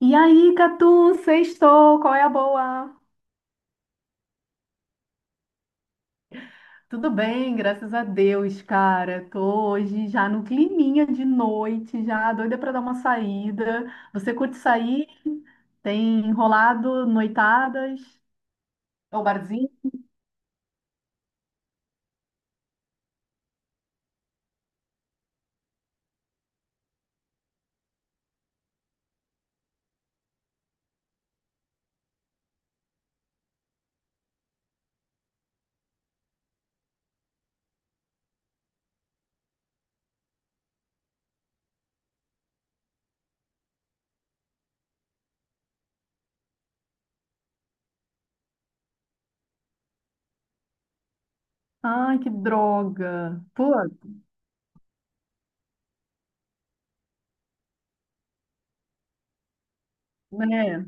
E aí, Catu, sextou, qual é a boa? Tudo bem, graças a Deus, cara. Tô hoje já no climinha de noite, já doida pra dar uma saída. Você curte sair? Tem enrolado, noitadas? Ao barzinho? Ai, que droga. Pô, né?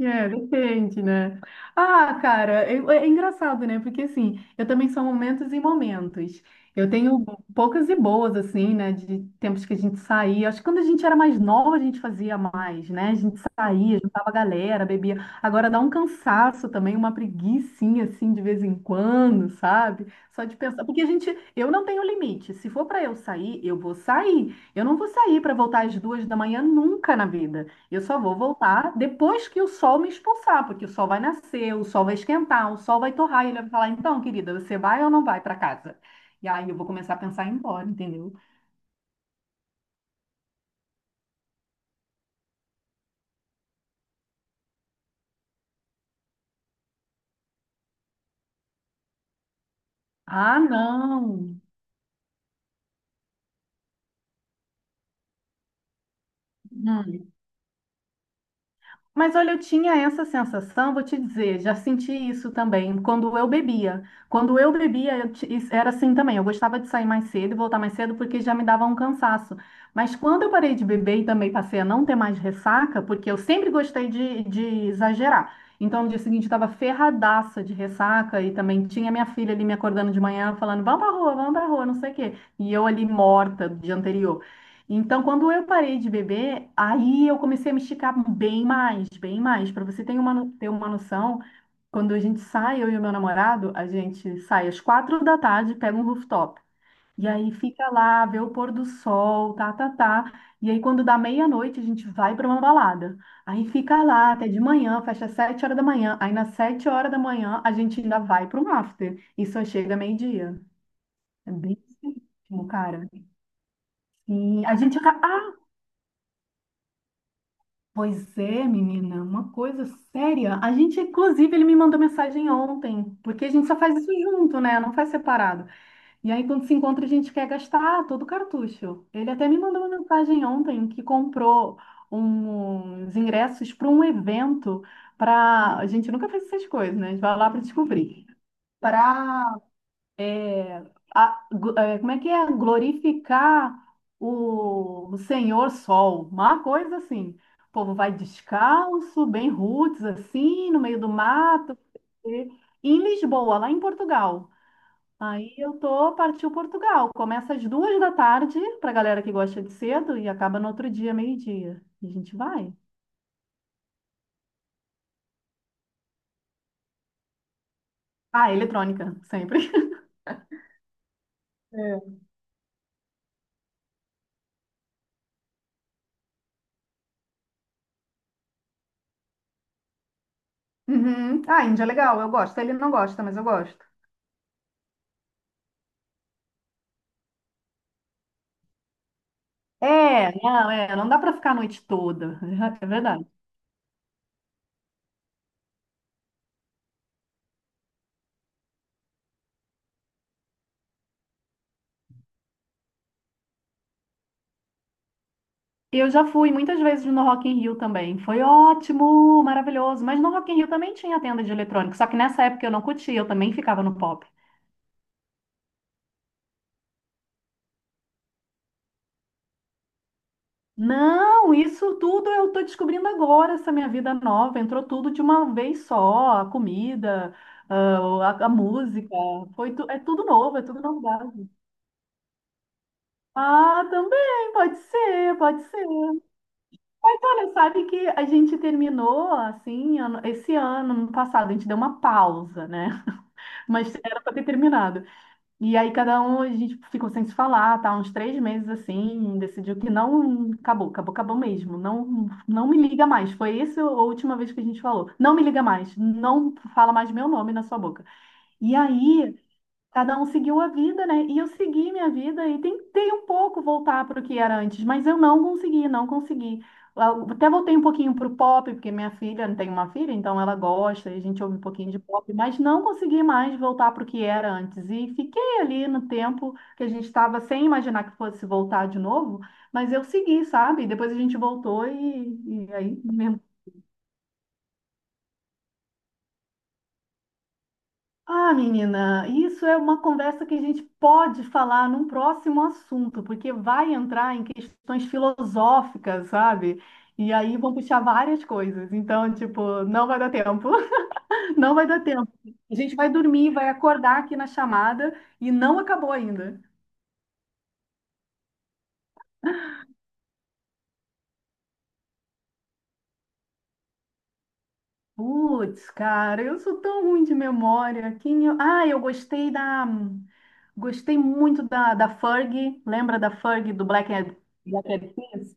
É, depende, né? Ah, cara, é engraçado, né? Porque assim, eu também sou momentos e momentos. Eu tenho poucas e boas, assim, né? De tempos que a gente saía. Acho que quando a gente era mais nova, a gente fazia mais, né? A gente saía, juntava a galera, bebia. Agora dá um cansaço também, uma preguicinha, assim, de vez em quando, sabe? Só de pensar. Porque a gente, eu não tenho limite. Se for para eu sair, eu vou sair. Eu não vou sair para voltar às 2 da manhã nunca na vida. Eu só vou voltar depois que o sol me expulsar, porque o sol vai nascer, o sol vai esquentar, o sol vai torrar, e ele vai falar: então, querida, você vai ou não vai para casa? E aí eu vou começar a pensar em ir embora, entendeu? Ah, não! Hum. Mas olha, eu tinha essa sensação, vou te dizer, já senti isso também quando eu bebia. Quando eu bebia, isso era assim também. Eu gostava de sair mais cedo e voltar mais cedo porque já me dava um cansaço. Mas quando eu parei de beber e também passei a não ter mais ressaca, porque eu sempre gostei de exagerar. Então, no dia seguinte, estava ferradaça de ressaca e também tinha minha filha ali me acordando de manhã falando: vamos pra rua, não sei o quê. E eu ali morta do dia anterior. Então, quando eu parei de beber, aí eu comecei a me esticar bem mais, bem mais. Para você ter uma, ter uma noção, quando a gente sai, eu e o meu namorado, a gente sai às 4 da tarde, pega um rooftop. E aí fica lá, vê o pôr do sol, tá, tá, tá. E aí quando dá meia-noite, a gente vai para uma balada. Aí fica lá até de manhã, fecha às 7 horas da manhã. Aí nas 7 horas da manhã, a gente ainda vai para um after. E só chega meio-dia. É bem... Ótimo. Cara, sim, a gente acaba. Pois é, menina, uma coisa séria. A gente, inclusive, ele me mandou mensagem ontem, porque a gente só faz isso junto, né? Não faz separado. E aí, quando se encontra, a gente quer gastar todo o cartucho. Ele até me mandou uma mensagem ontem que comprou uns ingressos para um evento para. A gente nunca fez essas coisas, né? A gente vai lá para descobrir. Para é, como é que é? Glorificar o Senhor Sol, uma coisa assim. O povo vai descalço, bem roots, assim, no meio do mato. E em Lisboa, lá em Portugal. Aí eu tô, partiu Portugal. Começa às 2 da tarde, pra galera que gosta de cedo, e acaba no outro dia, meio-dia. E a gente vai. Ah, eletrônica, sempre. É. Uhum. Ah, Índia é legal, eu gosto. Ele não gosta, mas eu gosto. É, não dá pra ficar a noite toda, é verdade. Eu já fui muitas vezes no Rock in Rio também, foi ótimo, maravilhoso, mas no Rock in Rio também tinha tenda de eletrônico, só que nessa época eu não curtia, eu também ficava no pop. Não, isso tudo eu tô descobrindo agora, essa minha vida nova, entrou tudo de uma vez só, a comida, a música, é tudo novo, é tudo novidade. Ah, também, pode ser, pode ser. Mas olha, sabe que a gente terminou assim, esse ano, ano passado, a gente deu uma pausa, né? Mas era pra ter terminado. E aí cada um, a gente ficou sem se falar, tá? Uns 3 meses assim, decidiu que não, acabou, acabou, acabou mesmo. Não, não me liga mais. Foi essa a última vez que a gente falou. Não me liga mais, não fala mais meu nome na sua boca. E aí cada um seguiu a vida, né? E eu segui minha vida e tentei um pouco voltar para o que era antes, mas eu não consegui, não consegui. Eu até voltei um pouquinho para o pop, porque minha filha tem uma filha, então ela gosta, e a gente ouve um pouquinho de pop, mas não consegui mais voltar para o que era antes. E fiquei ali no tempo que a gente estava sem imaginar que fosse voltar de novo, mas eu segui, sabe? Depois a gente voltou e aí minha... Ah, menina, isso é uma conversa que a gente pode falar num próximo assunto, porque vai entrar em questões filosóficas, sabe? E aí vão puxar várias coisas. Então, tipo, não vai dar tempo. Não vai dar tempo. A gente vai dormir, vai acordar aqui na chamada e não acabou ainda. Putz, cara, eu sou tão ruim de memória. Quem eu... Ah, eu gostei da. Gostei muito da Ferg. Lembra da Ferg do Black Eyed Peas?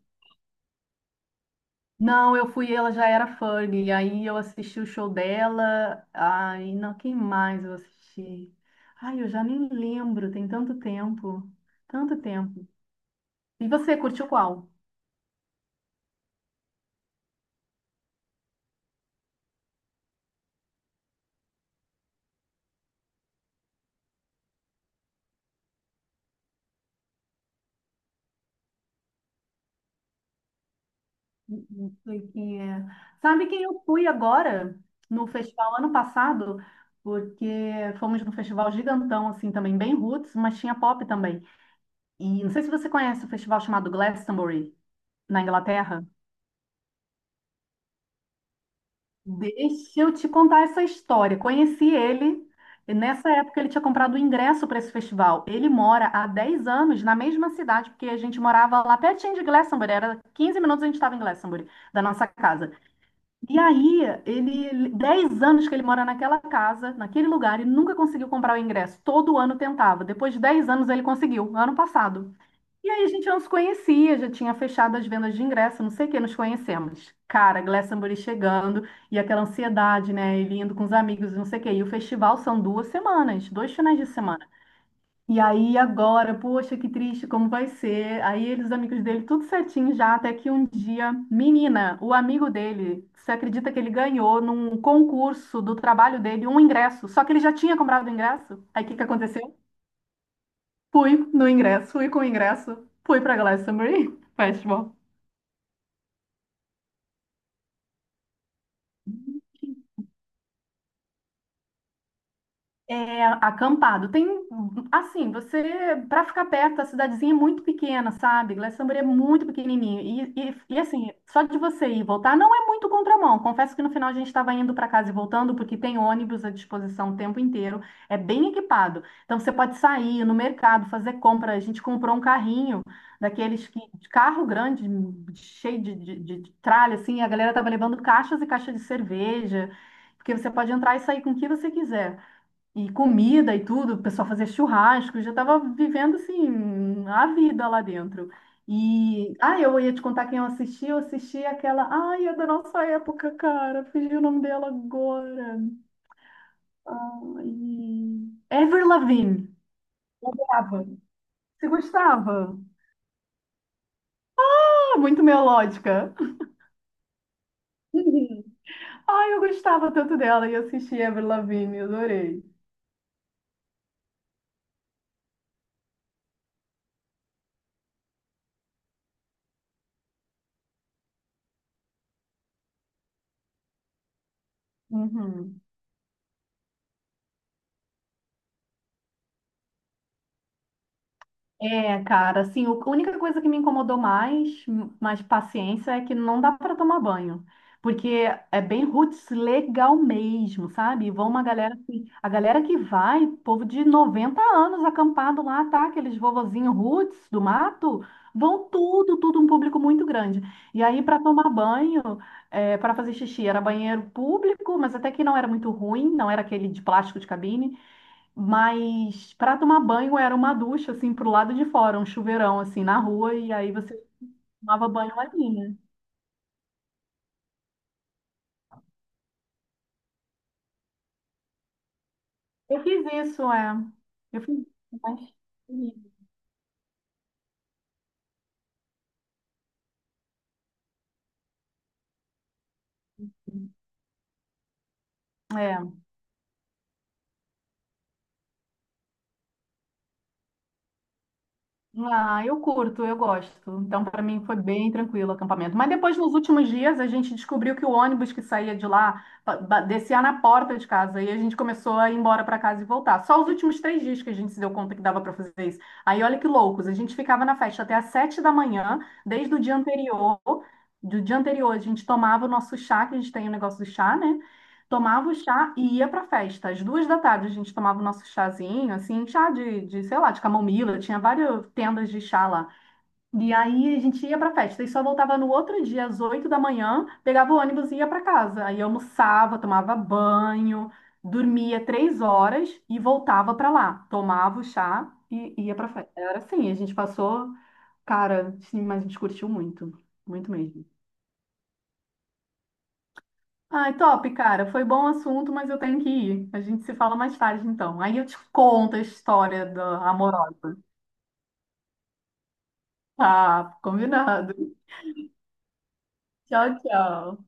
Não, eu fui, ela já era fã, e aí eu assisti o show dela. Ai, não, quem mais eu assisti? Ai, eu já nem lembro, tem tanto tempo, tanto tempo. E você, curtiu qual? Não sei quem é. Sabe quem eu fui agora no festival ano passado? Porque fomos num festival gigantão, assim, também bem roots, mas tinha pop também. E não sei se você conhece o festival chamado Glastonbury, na Inglaterra. Deixa eu te contar essa história. Conheci ele, e nessa época ele tinha comprado o ingresso para esse festival. Ele mora há 10 anos na mesma cidade, porque a gente morava lá pertinho de Glastonbury, era 15 minutos a gente estava em Glastonbury, da nossa casa. E aí, ele, 10 anos que ele mora naquela casa, naquele lugar, e nunca conseguiu comprar o ingresso. Todo ano tentava. Depois de 10 anos ele conseguiu, ano passado. E aí a gente já nos conhecia, já tinha fechado as vendas de ingresso, não sei o que, nos conhecemos. Cara, Glastonbury chegando e aquela ansiedade, né? Ele indo com os amigos, não sei o que. E o festival são 2 semanas, 2 finais de semana. E aí agora, poxa, que triste, como vai ser? Aí eles, os amigos dele, tudo certinho já, até que um dia, menina, o amigo dele, você acredita que ele ganhou num concurso do trabalho dele um ingresso? Só que ele já tinha comprado o ingresso. Aí o que que aconteceu? Fui no ingresso e com o ingresso fui para Glastonbury Festival. É, acampado. Tem, assim, você, para ficar perto, a cidadezinha é muito pequena, sabe? Glastonbury é muito pequenininho. Assim, só de você ir e voltar não é muito contramão. Confesso que no final a gente estava indo para casa e voltando, porque tem ônibus à disposição o tempo inteiro. É bem equipado. Então você pode sair no mercado, fazer compra. A gente comprou um carrinho daqueles que, de carro grande, cheio de tralha, assim. A galera tava levando caixas e caixas de cerveja, porque você pode entrar e sair com o que você quiser e comida e tudo, o pessoal fazia churrasco, eu já estava vivendo assim a vida lá dentro. E ah, eu ia te contar quem eu assisti aquela, ai, é da nossa época, cara, fugiu o nome dela agora. Ai, Avril Lavigne. Eu adorava. Você gostava? Ah, muito melódica. Uhum. Ai, eu gostava tanto dela e assisti Avril Lavigne, eu adorei. Uhum. É, cara, assim, a única coisa que me incomodou mais, mais paciência, é que não dá para tomar banho. Porque é bem roots legal mesmo, sabe? Vão uma galera assim, a galera que vai, povo de 90 anos acampado lá, tá? Aqueles vovozinhos roots do mato, vão tudo, tudo um público muito grande. E aí, para tomar banho, para fazer xixi, era banheiro público, mas até que não era muito ruim, não era aquele de plástico de cabine. Mas para tomar banho era uma ducha assim pro lado de fora, um chuveirão assim na rua e aí você tomava banho ali, né? Eu fiz isso, é. Eu fiz isso, mas... É. Ah, eu curto, eu gosto. Então, para mim foi bem tranquilo o acampamento. Mas depois, nos últimos dias, a gente descobriu que o ônibus que saía de lá descia na porta de casa e a gente começou a ir embora para casa e voltar. Só os últimos 3 dias que a gente se deu conta que dava para fazer isso. Aí, olha que loucos, a gente ficava na festa até às 7 da manhã, desde o dia anterior. Do dia anterior, a gente tomava o nosso chá, que a gente tem o negócio do chá, né? Tomava o chá e ia pra festa. Às duas da tarde a gente tomava o nosso chazinho, assim, chá sei lá, de camomila, tinha várias tendas de chá lá. E aí a gente ia pra festa e só voltava no outro dia, às 8 da manhã, pegava o ônibus e ia pra casa. Aí almoçava, tomava banho, dormia 3 horas e voltava pra lá. Tomava o chá e ia pra festa. Era assim, a gente passou, cara, sim, mas a gente curtiu muito, muito mesmo. Ai, top, cara. Foi bom o assunto, mas eu tenho que ir. A gente se fala mais tarde, então. Aí eu te conto a história da amorosa. Tá, combinado. Tchau, tchau.